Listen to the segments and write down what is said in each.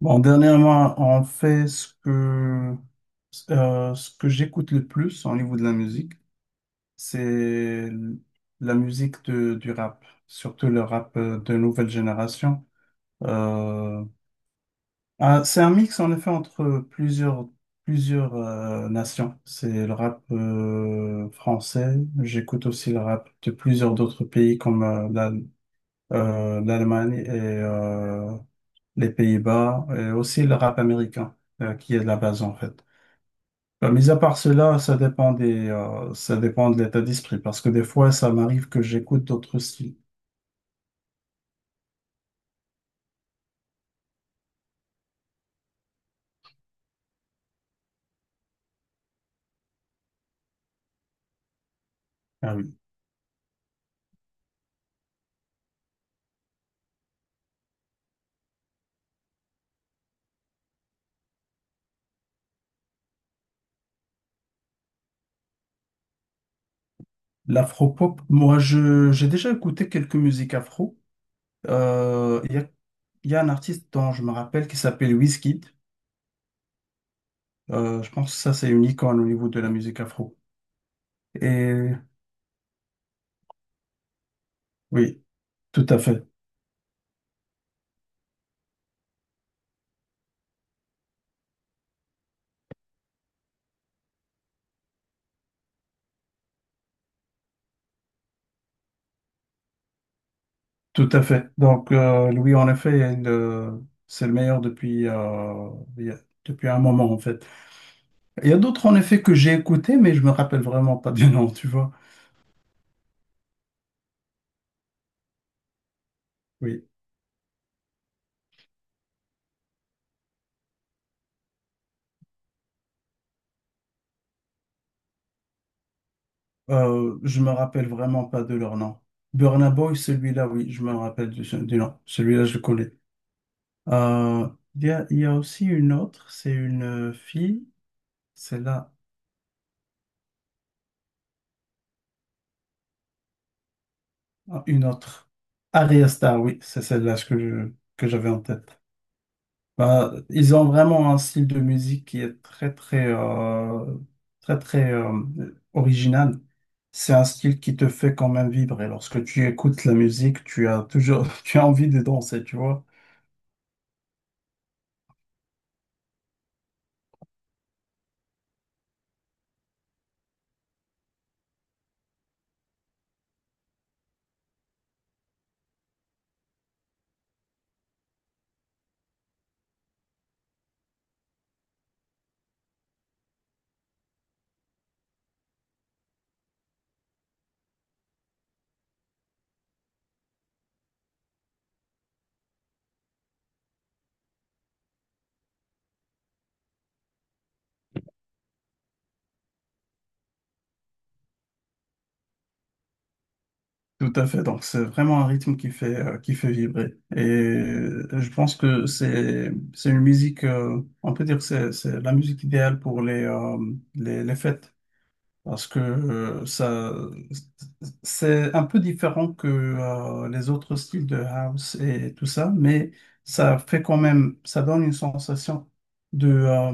Bon, dernièrement, on fait ce que j'écoute le plus au niveau de la musique, c'est la musique du rap, surtout le rap de nouvelle génération. Euh, c'est un mix en effet entre plusieurs nations. C'est le rap français, j'écoute aussi le rap de plusieurs d'autres pays comme l'Allemagne, les Pays-Bas, et aussi le rap américain, qui est de la base en fait. Mis à part cela, ça dépend ça dépend de l'état d'esprit, parce que des fois, ça m'arrive que j'écoute d'autres styles. Ah oui. L'afro-pop, moi, j'ai déjà écouté quelques musiques afro. Euh, Il y a, il y a un artiste dont je me rappelle qui s'appelle Wizkid. Je pense que ça, c'est une icône au niveau de la musique afro. Et oui, tout à fait. Tout à fait. Donc, Louis, en effet, c'est le meilleur depuis, il y a- depuis un moment, en fait. Il y a d'autres, en effet, que j'ai écoutés, mais je me rappelle vraiment pas du nom, tu vois. Oui. Je me rappelle vraiment pas de leur nom. Burna Boy, celui-là, oui, je me rappelle du nom. Celui-là, je le connais. Euh, il y a aussi une autre, c'est une fille, celle-là, ah, une autre. Arya Star, oui, c'est celle-là que j'avais en tête. Bah, ils ont vraiment un style de musique qui est très très très très original. C'est un style qui te fait quand même vibrer. Lorsque tu écoutes la musique, tu as toujours tu as envie de danser, tu vois. Tout à fait. Donc c'est vraiment un rythme qui fait vibrer. Et je pense que c'est une musique. On peut dire que c'est la musique idéale pour les les fêtes. Parce que ça, c'est un peu différent que les autres styles de house et tout ça, mais ça fait quand même, ça donne une sensation de euh,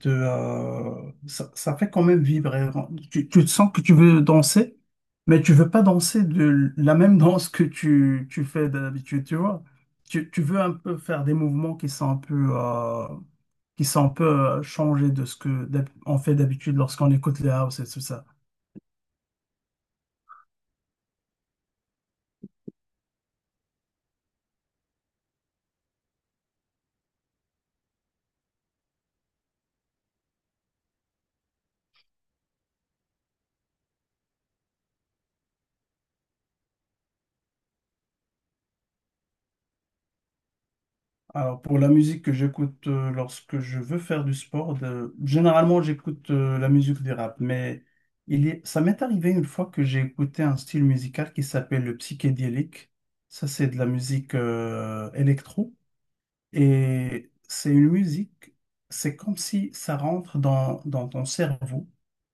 de, euh, ça, ça fait quand même vibrer. Tu te sens que tu veux danser, mais tu veux pas danser de la même danse que tu fais d'habitude, tu vois. Tu veux un peu faire des mouvements qui sont un peu, qui sont un peu changés de ce que on fait d'habitude lorsqu'on écoute les house et tout ça. Alors, pour la musique que j'écoute lorsque je veux faire du sport, généralement j'écoute la musique du rap, mais il est... ça m'est arrivé une fois que j'ai écouté un style musical qui s'appelle le psychédélique. Ça, c'est de la musique électro. Et c'est une musique, c'est comme si ça rentre dans ton cerveau.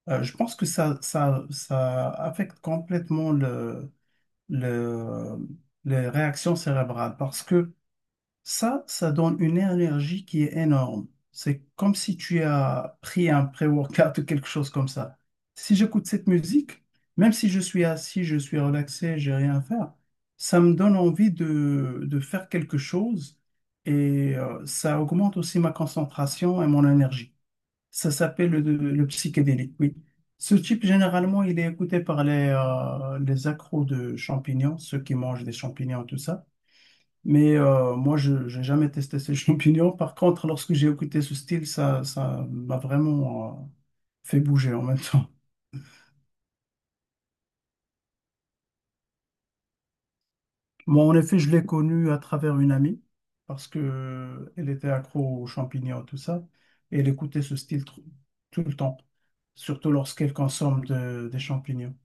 Je pense que ça affecte complètement le, les réactions cérébrales parce que ça donne une énergie qui est énorme. C'est comme si tu as pris un pré-workout ou quelque chose comme ça. Si j'écoute cette musique, même si je suis assis, je suis relaxé, j'ai rien à faire, ça me donne envie de faire quelque chose et ça augmente aussi ma concentration et mon énergie. Ça s'appelle le psychédélique, oui. Ce type, généralement, il est écouté par les accros de champignons, ceux qui mangent des champignons, tout ça. Mais moi, je n'ai jamais testé ces champignons. Par contre, lorsque j'ai écouté ce style, ça m'a vraiment fait bouger en même temps. Moi, en effet, je l'ai connu à travers une amie parce que elle était accro aux champignons, tout ça. Et elle écoutait ce style tout le temps, surtout lorsqu'elle consomme des champignons.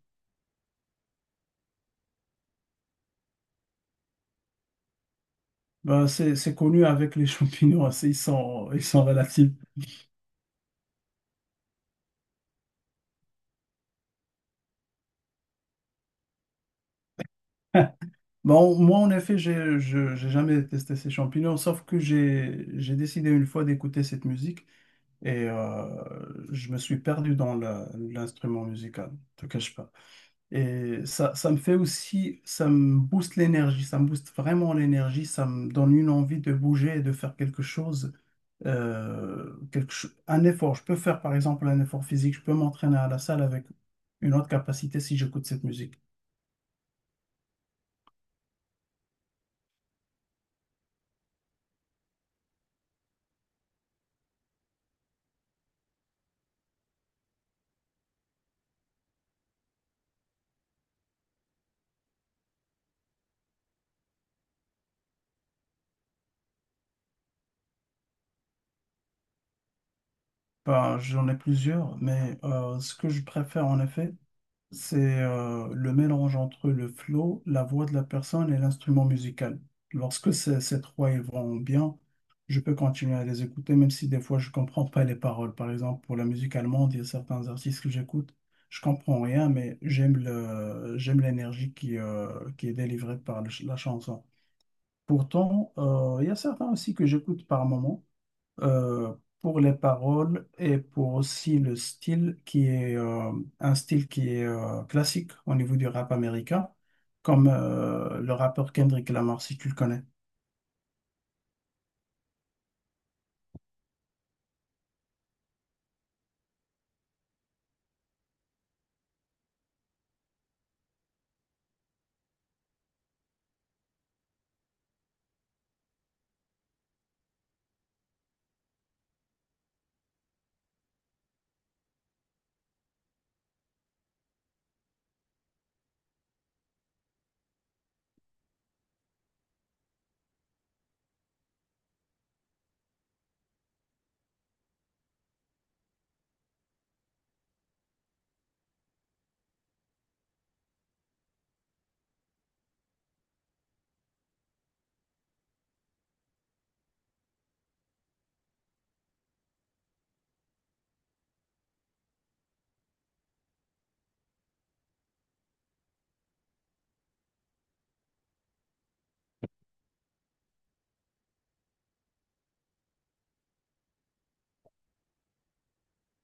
Ben, c'est connu avec les champignons, ils sont relatifs. Bon, moi, en effet, j'ai jamais testé ces champignons, sauf que j'ai décidé une fois d'écouter cette musique et je me suis perdu dans l'instrument musical, je te cache pas. Et ça me fait aussi, ça me booste l'énergie, ça me booste vraiment l'énergie, ça me donne une envie de bouger et de faire quelque chose, un effort. Je peux faire, par exemple, un effort physique, je peux m'entraîner à la salle avec une autre capacité si j'écoute cette musique. Bah, j'en ai plusieurs, mais ce que je préfère en effet, c'est le mélange entre le flow, la voix de la personne et l'instrument musical. Lorsque ces trois ils vont bien, je peux continuer à les écouter, même si des fois je comprends pas les paroles. Par exemple, pour la musique allemande, il y a certains artistes que j'écoute, je comprends rien, mais j'aime j'aime l'énergie qui est délivrée par la chanson. Pourtant, il y a certains aussi que j'écoute par moment euh, pour les paroles et pour aussi le style qui est un style qui est classique au niveau du rap américain, comme le rappeur Kendrick Lamar, si tu le connais.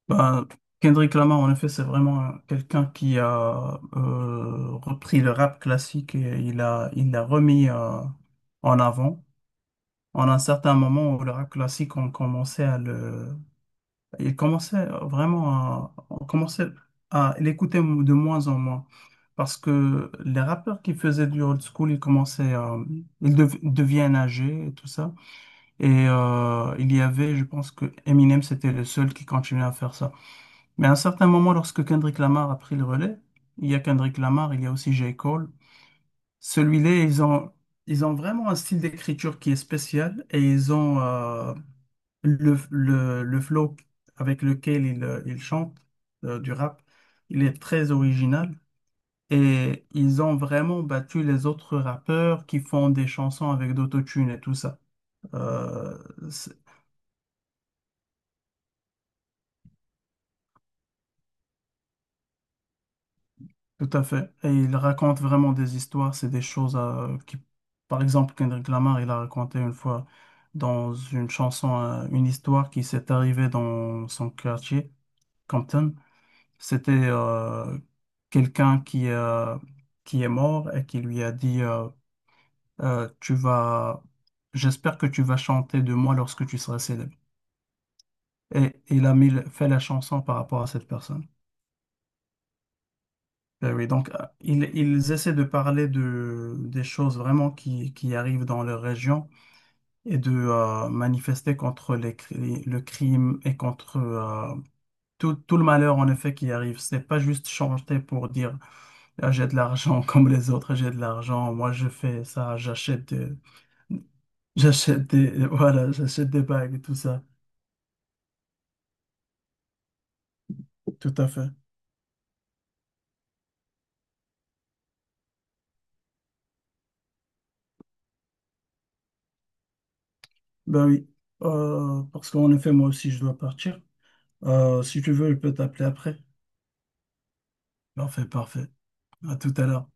Ben, Kendrick Lamar, en effet, c'est vraiment quelqu'un qui a repris le rap classique et il l'a remis en avant. En un certain moment où le rap classique, on commençait à le. Il commençait vraiment à, on commençait à l'écouter de moins en moins. Parce que les rappeurs qui faisaient du old school, ils commençaient, à deviennent âgés et tout ça. Et il y avait, je pense que Eminem, c'était le seul qui continuait à faire ça. Mais à un certain moment, lorsque Kendrick Lamar a pris le relais, il y a Kendrick Lamar, il y a aussi J. Cole. Celui-là, ils ont vraiment un style d'écriture qui est spécial et ils ont, le flow avec lequel ils chantent du rap, il est très original. Et ils ont vraiment battu les autres rappeurs qui font des chansons avec d'autotune et tout ça. Euh, c'est- tout à fait. Et ils racontent vraiment des histoires. C'est des choses qui... Par exemple, Kendrick Lamar, il a raconté une fois dans une chanson une histoire qui s'est arrivée dans son quartier, Compton. C'était quelqu'un qui est mort et qui lui a dit tu vas, j'espère que tu vas chanter de moi lorsque tu seras célèbre. Et il a mis, fait la chanson par rapport à cette personne. Ben oui, donc ils essaient de parler des choses vraiment qui arrivent dans leur région et de manifester contre le crime et contre tout le malheur en effet qui arrive. C'est pas juste chanter pour dire, ah, j'ai de l'argent comme les autres, j'ai de l'argent. Moi, je fais ça, j'achète des, voilà, j'achète des bagues et tout ça. Tout à fait. Ben oui. Parce qu'en effet, moi aussi, je dois partir. Si tu veux, je peux t'appeler après. Parfait, parfait. À tout à l'heure.